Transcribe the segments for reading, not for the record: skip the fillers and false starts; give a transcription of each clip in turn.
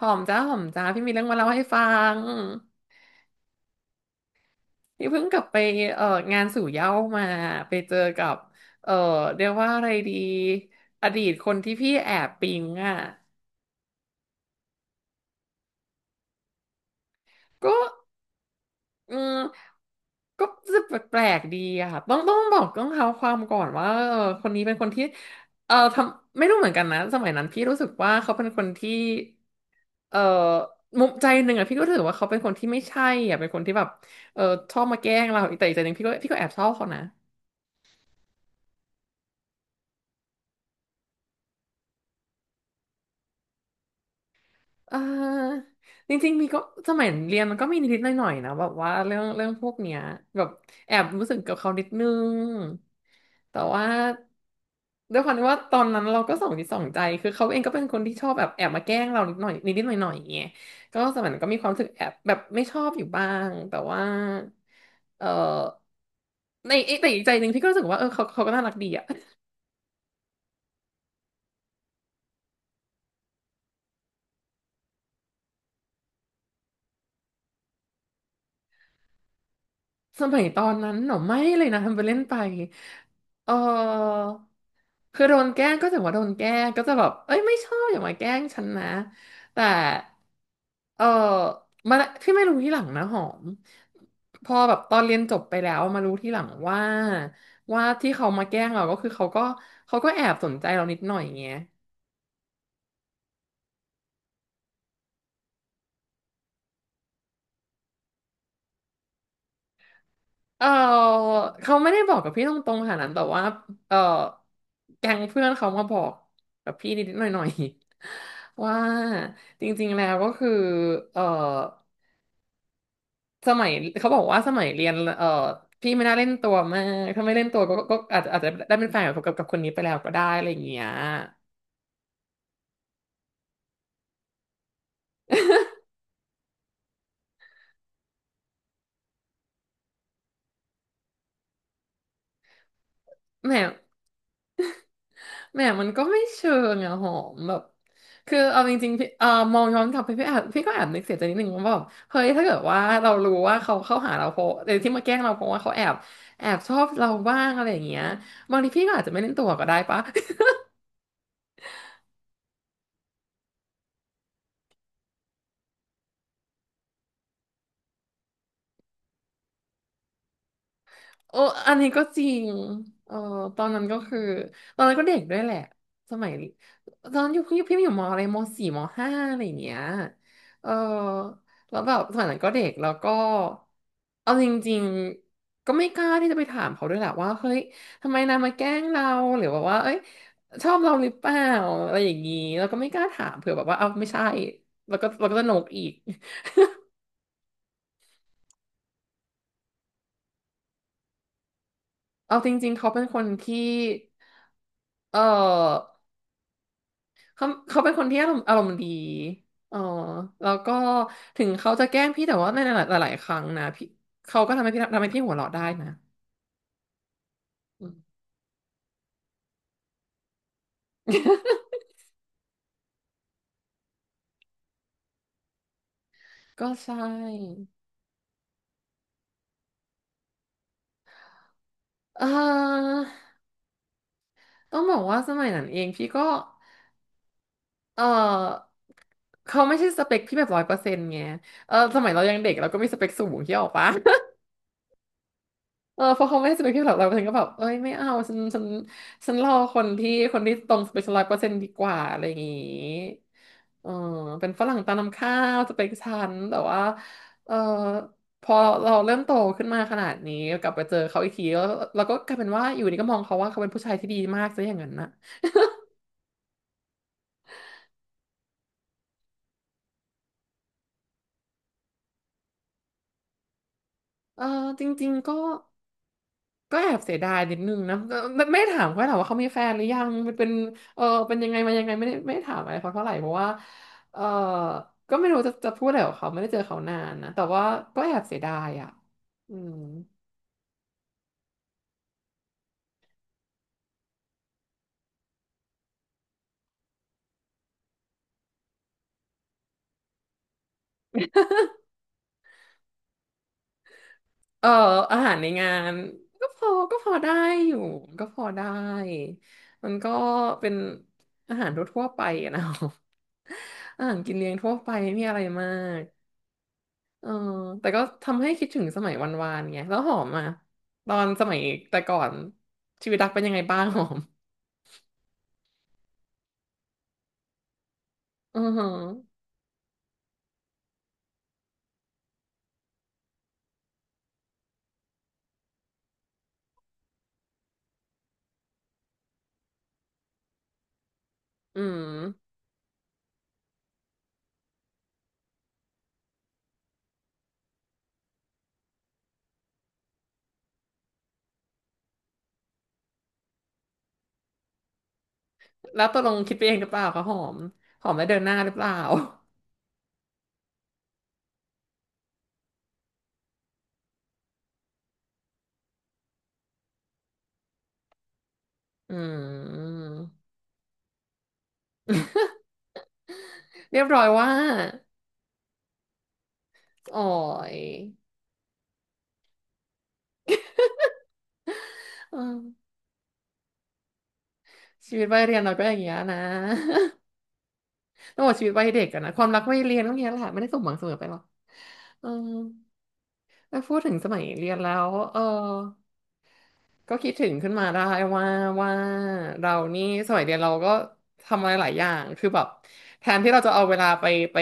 หอมจ้าหอมจ้าพี่มีเรื่องมาเล่าให้ฟังพี่เพิ่งกลับไปเอ่องานสู่เหย้ามาไปเจอกับเอ่อเรียกว่าอะไรดีอดีตคนที่พี่แอบปิ๊งอ่ะก็อืมก็รู้สึกแปลกๆดีอะค่ะต้องบอกต้องเท้าความก่อนว่าเออคนนี้เป็นคนที่ทำไม่รู้เหมือนกันนะสมัยนั้นพี่รู้สึกว่าเขาเป็นคนที่เอ่อมุมใจหนึ่งอะพี่ก็รู้สึกว่าเขาเป็นคนที่ไม่ใช่อะเป็นคนที่แบบเออชอบมาแกล้งเราแต่อีกใจหนึ่งพี่ก็แอบชอบเขานะ เออจริงๆมีก็สมัยเรียนมันก็มีนิดๆหน่อยๆนะแบบว่าเรื่องพวกเนี้ยแบบแอบรู้สึกกับเขานิดนึงแต่ว่าด้วยความที่ว่าตอนนั้นเราก็สองจิตสองใจคือเขาเองก็เป็นคนที่ชอบแบบแอบมาแกล้งเรานิดหน่อยนิดๆหน่อยๆอย่างเงี้ยก็สมัยนั้นก็มีความรู้สึกแอบแบบไม่ชอบอยู่บ้างแต่ว่าเออในเอ๊ะแต่อีกใจหนึ่งพี่ก็รู้สึกว่าเออเขาก็น่ารักดีอะสมัยตอนนั้นหนอไม่เลยนะทำไปเล่นไปเออ คือโดนแกล้งก็จะว่าโดนแกล้งก็จะแบบเอ้ยไม่ชอบอย่ามาแกล้งฉันนะแต่เออมาที่ไม่รู้ที่หลังนะหอมพอแบบตอนเรียนจบไปแล้วมารู้ที่หลังว่าที่เขามาแกล้งเราก็คือเขาก็เขาก็แอบสนใจเรานิดหน่อยอย่างเงี้ยเออเขาไม่ได้บอกกับพี่ตรงๆขนาดนั้นแต่ว่าเออแก๊งเพื่อนเขามาบอกกับพี่นิดๆหน่อยๆ ว่าจริงๆแล้วก็คือเออ สมัยเขาบอกว่าสมัยเรียนพี่ไม่น่าเล่นตัวมากถ้าไม่เล่นตัวก็อาจจะได้เป็นแฟนกับคนนี้ไปแล้วก็ได้อะไรอย่างเงี้ยแหมแหมมันก็ไม่เชิงอะหอมแบบคือเอาจริงๆพี่มองย้อนกลับไปพี่ก็แอบนึกเสียใจนิดนึงว่าแบบเฮ้ยถ้าเกิดว่าเรารู้ว่าเขาเข้าหาเราเพราะที่มาแกล้งเราเพราะว่าเขาแอบชอบเราบ้างอะไรอย่างเงี้ยบางทีพี่ก็อาจจะไม่เล่นตัวก็ได้ปะ โอ้อันนี้ก็จริงเออตอนนั้นก็คือตอนนั้นก็เด็กด้วยแหละสมัยตอนนั้นอยู่พี่อยู่มอะไรมสี่มห้าอะไรอย่างเงี้ยเออแล้วแบบสมัยนั้นก็เด็กแล้วก็เอาจริงๆก็ไม่กล้าที่จะไปถามเขาด้วยแหละว่าเฮ้ยทำไมนายมาแกล้งเราหรือแบบว่าเอ้ยชอบเราหรือเปล่าอะไรอย่างงี้แล้วก็ไม่กล้าถามเผื่อแบบว่าเอาไม่ใช่แล้วก็จะโหนกอีกเอาจริงๆเขาเป็นคนที่เออ เขาเป็นคนที่อารมณ์ดีอ๋อแล้วก็ถึงเขาจะแกล้งพี่แต่ว่าในหลายๆครั้งนะพี่เขาก็ทำให้พี่หัวเราะได้นะอืมก็ใช่เออต้องบอกว่าสมัยนั้นเองพี่ก็เออเขาไม่ใช่สเปคพี่แบบร้อยเปอร์เซ็นต์ไงเออสมัยเรายังเด็กเราก็มีสเปคสูงที่ออกปะ เพราะเขาไม่ให้สเปคพี่แบกเราฉันก็แบบเอ้ยไม่เอาฉันรอคนที่ตรงสเปคร้อยเปอร์เซ็นต์ดีกว่าอะไรอย่างงี้เออเป็นฝรั่งตามน้ำข้าวสเปคฉันแต่ว่าเออพอเราเริ่มโตขึ้นมาขนาดนี้กลับไปเจอเขาอีกทีแล้วเราก็กลายเป็นว่าอยู่ดีก็มองเขาว่าเขาเป็นผู้ชายที่ดีมากซะอย่างนั้นนะเออจริงๆก็ ก็แอบเสียดายนิดนึงนะก็ไม่ถามเขาถามว่าเขามีแฟนหรือยังมันเป็นเป็นยังไงมายังไงไม่ได้ถามอะไรเขาเท่าไหร่เพราะว่าเออก็ไม่รู้จะพูดอะไรกับเขาไม่ได้เจอเขานานนะแต่ว่าก็แอบเสียดายอ่ะอืมเอออาหารในงานก็พอได้อยู่ก็พอได้มันก็เป็นอาหารทั่วๆไปอะนะ อาหารกินเลี้ยงทั่วไปไม่มีอะไรมาก เออแต่ก็ทำให้คิดถึงสมัยวันวานไงแล้วหอมอ่ะตอนสมัยแต่ก่อนชีวิตรักเป็นยังไงบ้าง หอมอือฮึอืมแล้วตกลงคิดไปเองหรือเปล่าคะหอมหอมได้เดินหน้าหรือเปล่า อืมเรียบร้อยว่าโอ๋อยเออชีวิตวัยเรียนเราก็อย่างเงี้ยนะ ต้องบอกชีวิตวัยเด็กอะนะความรักวัยเรียนก็เงี้ยแหละไม่ได้สมหวังเสมอไปหรอกเออแล้วพูดถึงสมัยเรียนแล้วก็คิดถึงขึ้นมาได้ว่าว่าเรานี่สมัยเรียนเราก็ทำอะไรหลายอย่างคือแบบแทนที่เราจะเอาเวลาไป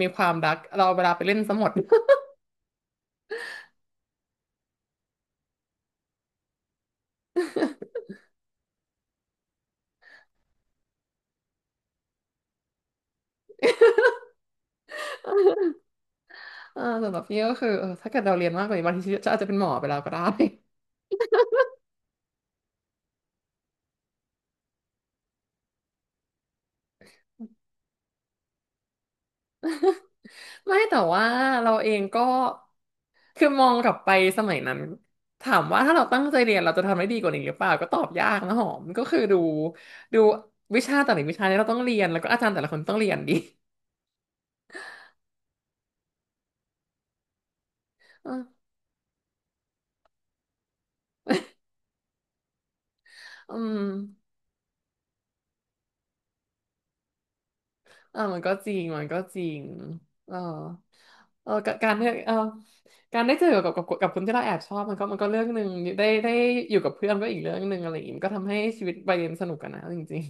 มีความรักเราเอาเวลาไปเล่นซะหมด สำหรับพี่ก็คือเออถ้าเกิดเราเรียนมากกว่านี้บางทีจะอาจจะเป็นหมอไปแล้วก็ได้ ไม่แต่ว่าเราเองก็คือมองกลับไปสมัยนั้นถามว่าถ้าเราตั้งใจเรียนเราจะทำได้ดีกว่านี้หรือเปล่าก็ตอบยากนะหอมก็คือดูวิชาแต่ละวิชาเนี่ยเราต้องเรียนแล้วก็อาจารย์แต่ละคนต้องเรียนดี อืม มันก็จริงมันก็จริงเออเออการได้การได้เจอกับคนที่เราแอบชอบมันก็มันก็เรื่องหนึ่งได้อยู่กับเพื่อนก็อีกเรื่องหนึ่งอะไรอย่างงี้มันก็ทำให้ชีวิตวัยเรียนสนุกกันนะจริง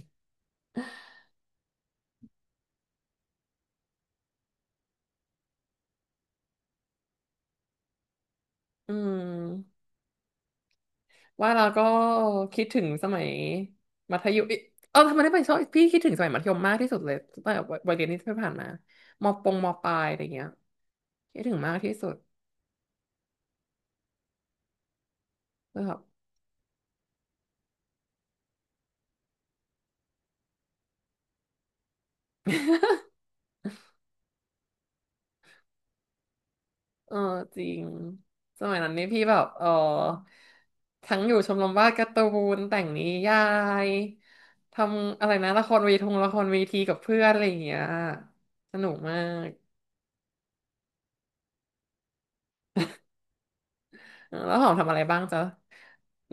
ๆอืมว่าเราก็คิดถึงสมัยมัธยมเอ้ยเออทำไมได้ไปชอบพี่คิดถึงสมัยมัธยมมากที่สุดเลยตั้งแต่วัยเรียนที่ผ่านมามปงมปลายอะไรเงี้ยคิดถึงมากที่สุดนะครับ เออจริงสมัยนั้นนี่พี่แบบเออทั้งอยู่ชมรมวาดการ์ตูนแต่งนิยายทำอะไรนะละครเวทีกับเพื่อนอะไรอย่างเงี้ยสนุกมากเออแล้วหอมทำอะไรบ้างจ๊ะ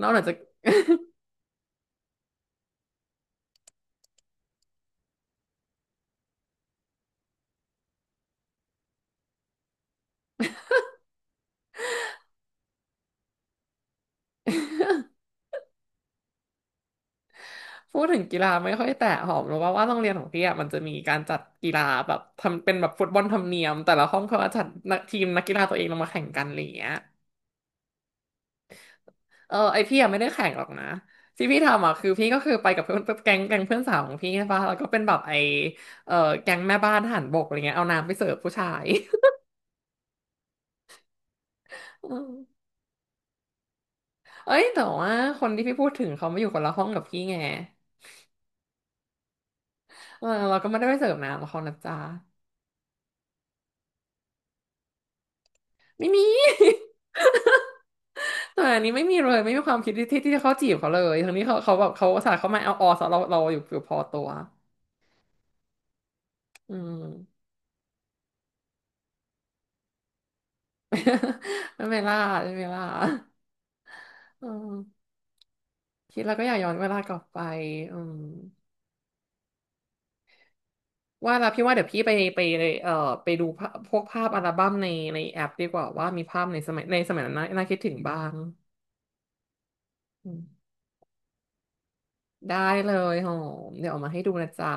นอกจากพูดถึงกีฬาไม่ค่อยแต่หอมรู้ว่าโรงเรียนของพี่อะมันจะมีการจัดกีฬาแบบทำเป็นแบบฟุตบอลธรรมเนียมแต่ละห้องเขาก็จัดนักทีมนักกีฬาตัวเองลงมาแข่งกันอะไรอย่างเงี้ย เออไอพี่อะไม่ได้แข่งหรอกนะที่พี่ทำอ่ะคือพี่ก็คือไปกับเพื่อนแก๊งเพื่อนสาวของพี่ใช่ปะแล้วก็เป็นแบบไอเออแก๊งแม่บ้านทหารบกอะไรเงี้ยเอาน้ำไปเสิร์ฟผู้ชาย เออเอ้ยแต่ว่าคนที่พี่พูดถึงเขามาอยู่คนละห้องกับพี่ไงเออเราก็ไม่ได้ไปเสิร์ฟน้ำกับเขานะจ๊ะไม่มี แต่อันนี้ไม่มีเลยไม่มีความคิดที่จะเข้าจีบเขาเลยทั้งนี้เขาแบบเขาอุตสาห์เขามาเอาออสเราอยู่พอตัวอืม ไม่เป็นไรล่าไม่เป็นไรล่าอืม คิดแล้วก็อยากย้อนเวลากลับไปอืมว่าแล้วพี่ว่าเดี๋ยวพี่ไปไปดูภาพพวกภาพอัลบั้มในแอปดีกว่าว่ามีภาพในสมัยนั้นน่าน่าคิดถึงบ้างอืมได้เลยหอมเดี๋ยวเอามาให้ดูนะจ๊ะ